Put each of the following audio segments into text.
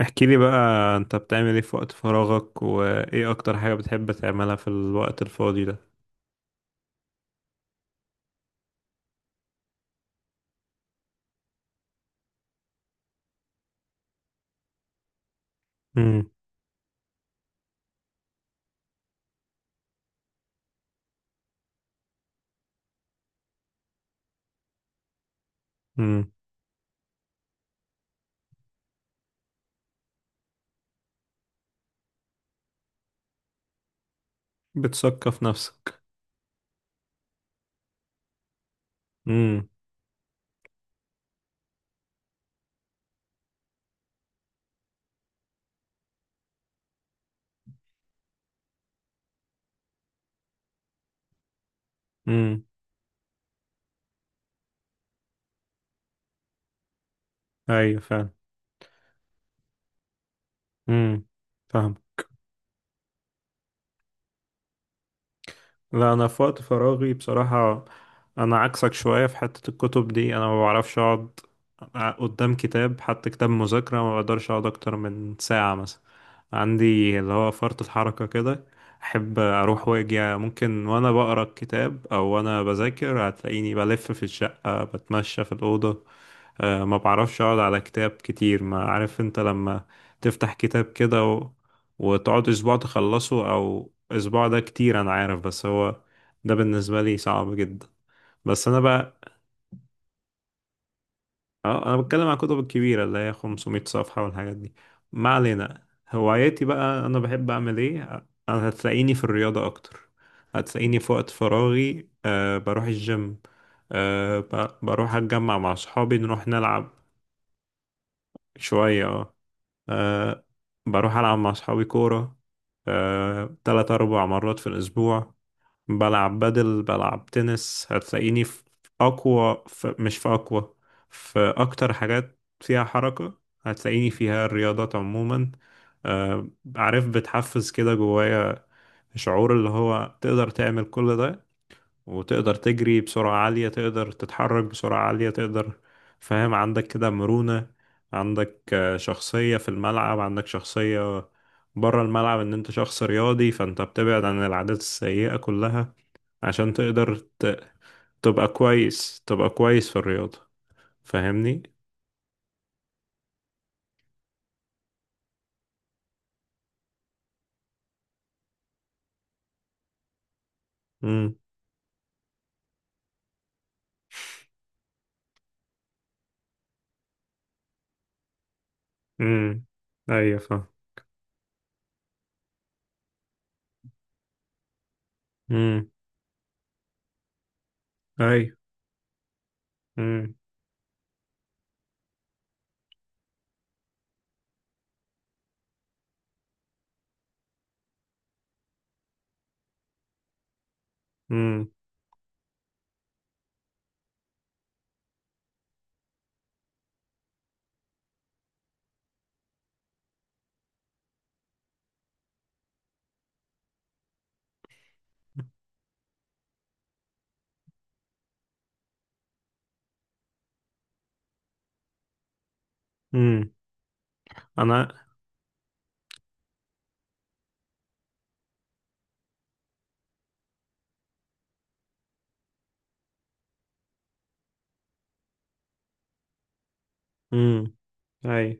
احكي لي بقى. انت بتعمل ايه في وقت فراغك؟ وايه اكتر حاجة بتحب تعملها في الوقت الفاضي ده؟ امم. امم. بتثقف نفسك؟ امم. امم. ايوه فعلا. امم. فاهم. لا، انا في وقت فراغي بصراحة انا عكسك شوية في حتة الكتب دي. انا ما بعرفش اقعد قدام كتاب، حتى كتاب مذاكرة ما بقدرش اقعد اكتر من ساعة مثلا. عندي اللي هو فرط الحركة كده. أحب أروح وأجي، ممكن وأنا بقرأ الكتاب أو وأنا بذاكر هتلاقيني بلف في الشقة، بتمشى في الأوضة. ما بعرفش أقعد على كتاب كتير. ما عارف أنت لما تفتح كتاب كده وتقعد أسبوع تخلصه، أو أسبوع ده كتير أنا عارف، بس هو ده بالنسبة لي صعب جدا. بس أنا بقى، اه انا بتكلم عن الكتب الكبيرة اللي هي 500 صفحة والحاجات دي. ما علينا. هواياتي بقى، انا بحب اعمل ايه؟ انا هتلاقيني في الرياضة اكتر. هتلاقيني في وقت فراغي، بروح الجيم. بروح اتجمع مع صحابي، نروح نلعب شوية. اه. أه. بروح العب مع صحابي كورة، تلات اربع مرات في الاسبوع. بلعب بدل، بلعب تنس. هتلاقيني في أقوى، في مش في أقوى، في أكتر حاجات فيها حركة. هتلاقيني فيها الرياضات عموما. آه، عارف، بتحفز كده جوايا شعور اللي هو تقدر تعمل كل ده، وتقدر تجري بسرعة عالية، تقدر تتحرك بسرعة عالية، تقدر. فاهم؟ عندك كده مرونة، عندك شخصية في الملعب، عندك شخصية بره الملعب، ان انت شخص رياضي فانت بتبعد عن العادات السيئة كلها عشان تقدر تبقى كويس. تبقى كويس في الرياضة. فاهمني؟ امم. امم. ايوه فاهم. امم. ايوه. امم. امم. امم. انا. امم. ايوه.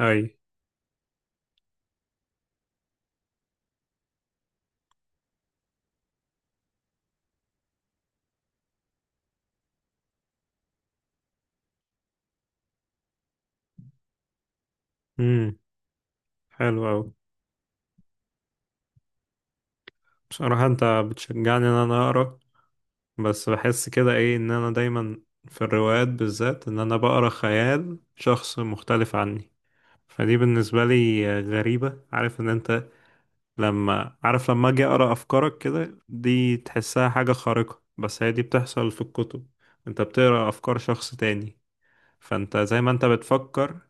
ايوه. امم. حلو أوي. بصراحة انت بتشجعني ان انا اقرا. بس بحس كده ايه ان انا دايما في الروايات بالذات ان انا بقرا خيال شخص مختلف عني. فدي بالنسبة لي غريبة. عارف ان انت لما، لما اجي اقرا افكارك كده دي تحسها حاجه خارقه، بس هي دي بتحصل في الكتب. انت بتقرا افكار شخص تاني، فانت زي ما انت بتفكر.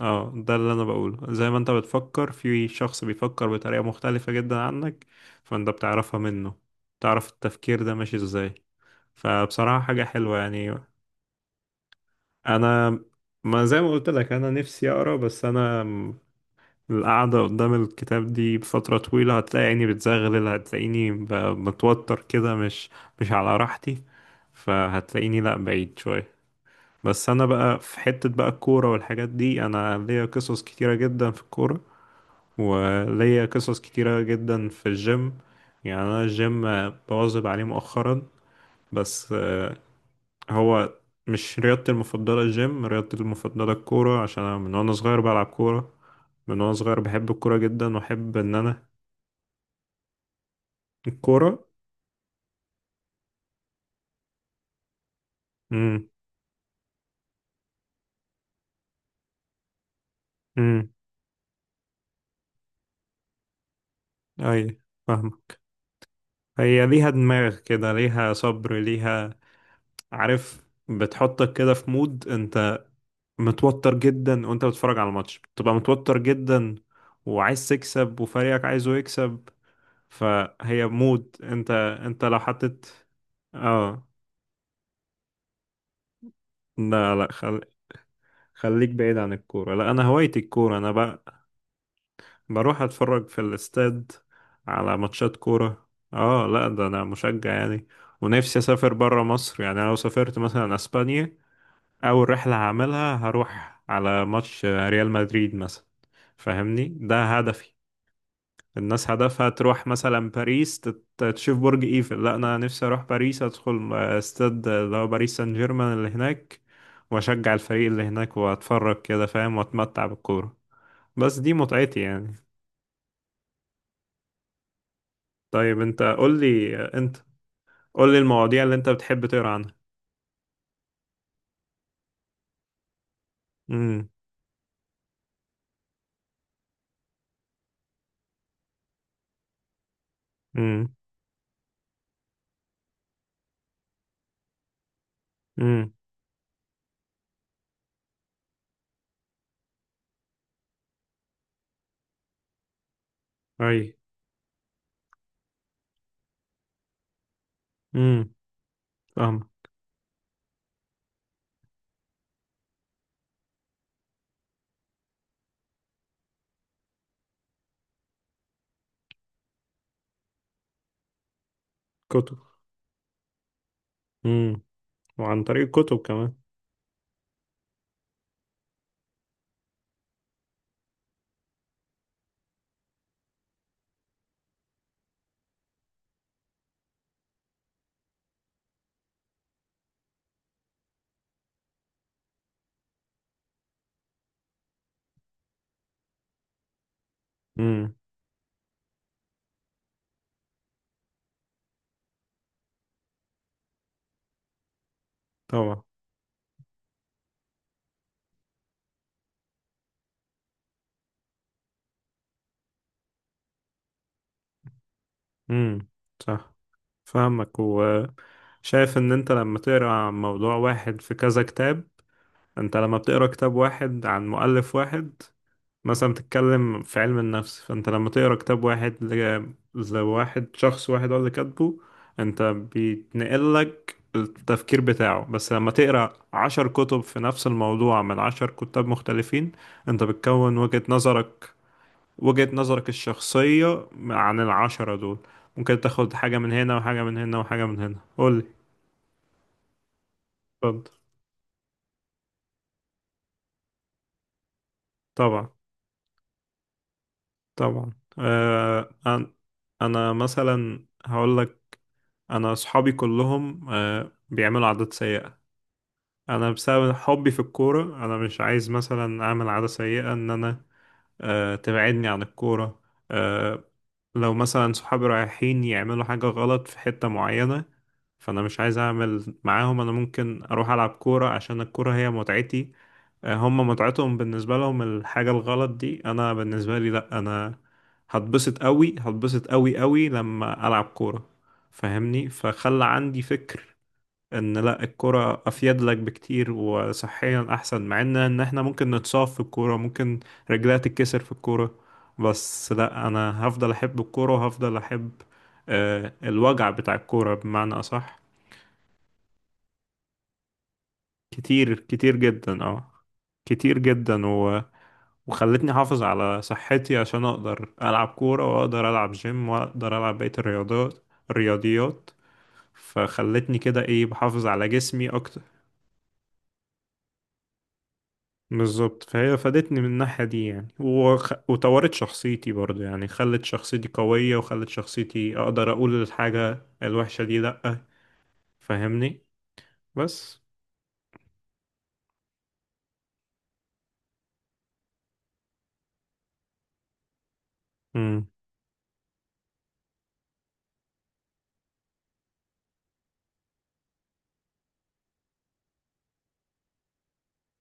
اه ده اللي انا بقوله، زي ما انت بتفكر في شخص بيفكر بطريقه مختلفه جدا عنك، فانت بتعرفها منه، تعرف التفكير ده ماشي ازاي. فبصراحه حاجه حلوه يعني. انا، ما زي ما قلت لك انا نفسي اقرا، بس انا القعدة قدام الكتاب دي بفترة طويلة هتلاقي عيني بتزغلل، هتلاقيني متوتر كده، مش على راحتي، فهتلاقيني لأ بعيد شوية. بس أنا بقى في حتة بقى الكورة والحاجات دي، أنا ليا قصص كتيرة جدا في الكورة، وليا قصص كتيرة جدا في الجيم. يعني أنا الجيم بواظب عليه مؤخرا، بس هو مش رياضتي المفضلة. الجيم رياضتي المفضلة الكورة، عشان أنا من وأنا صغير بلعب كورة، من وانا صغير بحب الكورة جدا، واحب ان انا الكورة. امم. امم. اي. فاهمك. هي ليها دماغ كده، ليها صبر، ليها. عارف، بتحطك كده في مود انت متوتر جدا، وانت بتتفرج على الماتش بتبقى متوتر جدا، وعايز تكسب وفريقك عايزه يكسب. فهي مود انت. انت لو حطيت. اه. لا، لا، خليك بعيد عن الكورة. لا، انا هوايتي الكورة، انا بروح اتفرج في الاستاد على ماتشات كورة. اه. لا، ده انا مشجع يعني. ونفسي اسافر برا مصر يعني. أنا لو سافرت مثلا اسبانيا، اول رحلة هعملها هروح على ماتش ريال مدريد مثلا. فاهمني، ده هدفي. الناس هدفها تروح مثلا باريس، تشوف برج ايفل. لا، انا نفسي اروح باريس، ادخل استاد اللي هو باريس سان جيرمان اللي هناك، واشجع الفريق اللي هناك، واتفرج كده، فاهم، واتمتع بالكورة. بس دي متعتي يعني. طيب انت قول لي، المواضيع اللي انت بتحب تقرا عنها. امم. امم. امم. اي. امم. فاهم. كتب. امم. وعن طريق الكتب كمان. امم. طبعا. امم. صح. فاهمك، وشايف ان انت لما تقرا عن موضوع واحد في كذا كتاب، انت لما بتقرا كتاب واحد عن مؤلف واحد، مثلا بتتكلم في علم النفس فانت لما تقرا كتاب واحد لواحد، شخص واحد هو اللي كاتبه، انت بيتنقل لك التفكير بتاعه. بس لما تقرا عشر كتب في نفس الموضوع من عشر كتاب مختلفين، انت بتكون وجهة نظرك، وجهة نظرك الشخصية عن العشرة دول. ممكن تاخد حاجة من هنا وحاجة من هنا وحاجة من هنا. قولي. اتفضل. طبعا. طبعا. آه، أنا أنا مثلا هقول لك، انا اصحابي كلهم بيعملوا عادات سيئة. انا بسبب حبي في الكورة، انا مش عايز مثلا اعمل عادة سيئة ان انا تبعدني عن الكورة. آه، لو مثلا صحابي رايحين يعملوا حاجة غلط في حتة معينة، فانا مش عايز اعمل معاهم، انا ممكن اروح العب كورة عشان الكورة هي متعتي. هم متعتهم بالنسبة لهم الحاجة الغلط دي، أنا بالنسبة لي لأ. أنا هتبسط أوي، هتبسط أوي أوي لما ألعب كورة. فاهمني؟ فخلى عندي فكر إن لأ الكورة أفيد لك بكتير، وصحيا أحسن، مع إن إحنا ممكن نتصاب في الكورة، ممكن رجلها تتكسر في الكورة. بس لأ، أنا هفضل أحب الكورة، وهفضل أحب الوجع بتاع الكورة بمعنى أصح. كتير كتير جدا. اه. كتير جدا. وخلتني احافظ على صحتي عشان اقدر العب كورة، واقدر العب جيم، واقدر العب بقية الرياضات، الرياضيات. فخلتني كده، ايه، بحافظ على جسمي اكتر. بالظبط، فهي فادتني من الناحية دي يعني، وطورت شخصيتي برضو يعني. خلت شخصيتي قوية، وخلت شخصيتي اقدر اقول الحاجة الوحشة دي لأ. فاهمني؟ بس. امم.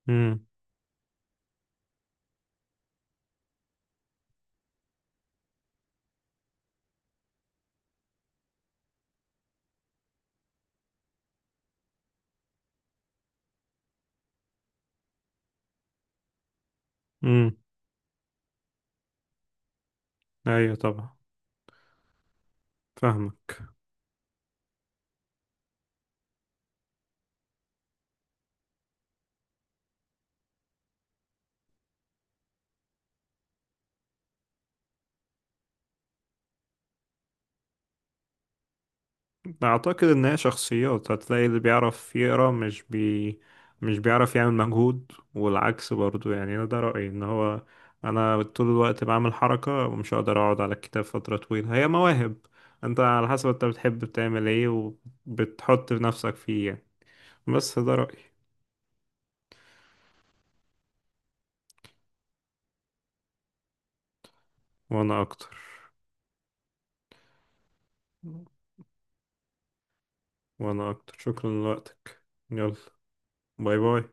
امم. امم. ايوه طبعا. فاهمك. أعتقد إن هي شخصيات، هتلاقي اللي بيعرف يقرا مش بيعرف يعمل مجهود، والعكس برضو يعني. أنا ده رأيي، إن هو أنا طول الوقت بعمل حركة ومش هقدر أقعد على الكتاب فترة طويلة. هي مواهب. أنت على حسب أنت بتحب تعمل إيه، وبتحط نفسك فيه يعني. بس ده رأيي. وأنا أكتر. وأنا أكتر شكرا لوقتك. يلا، باي باي.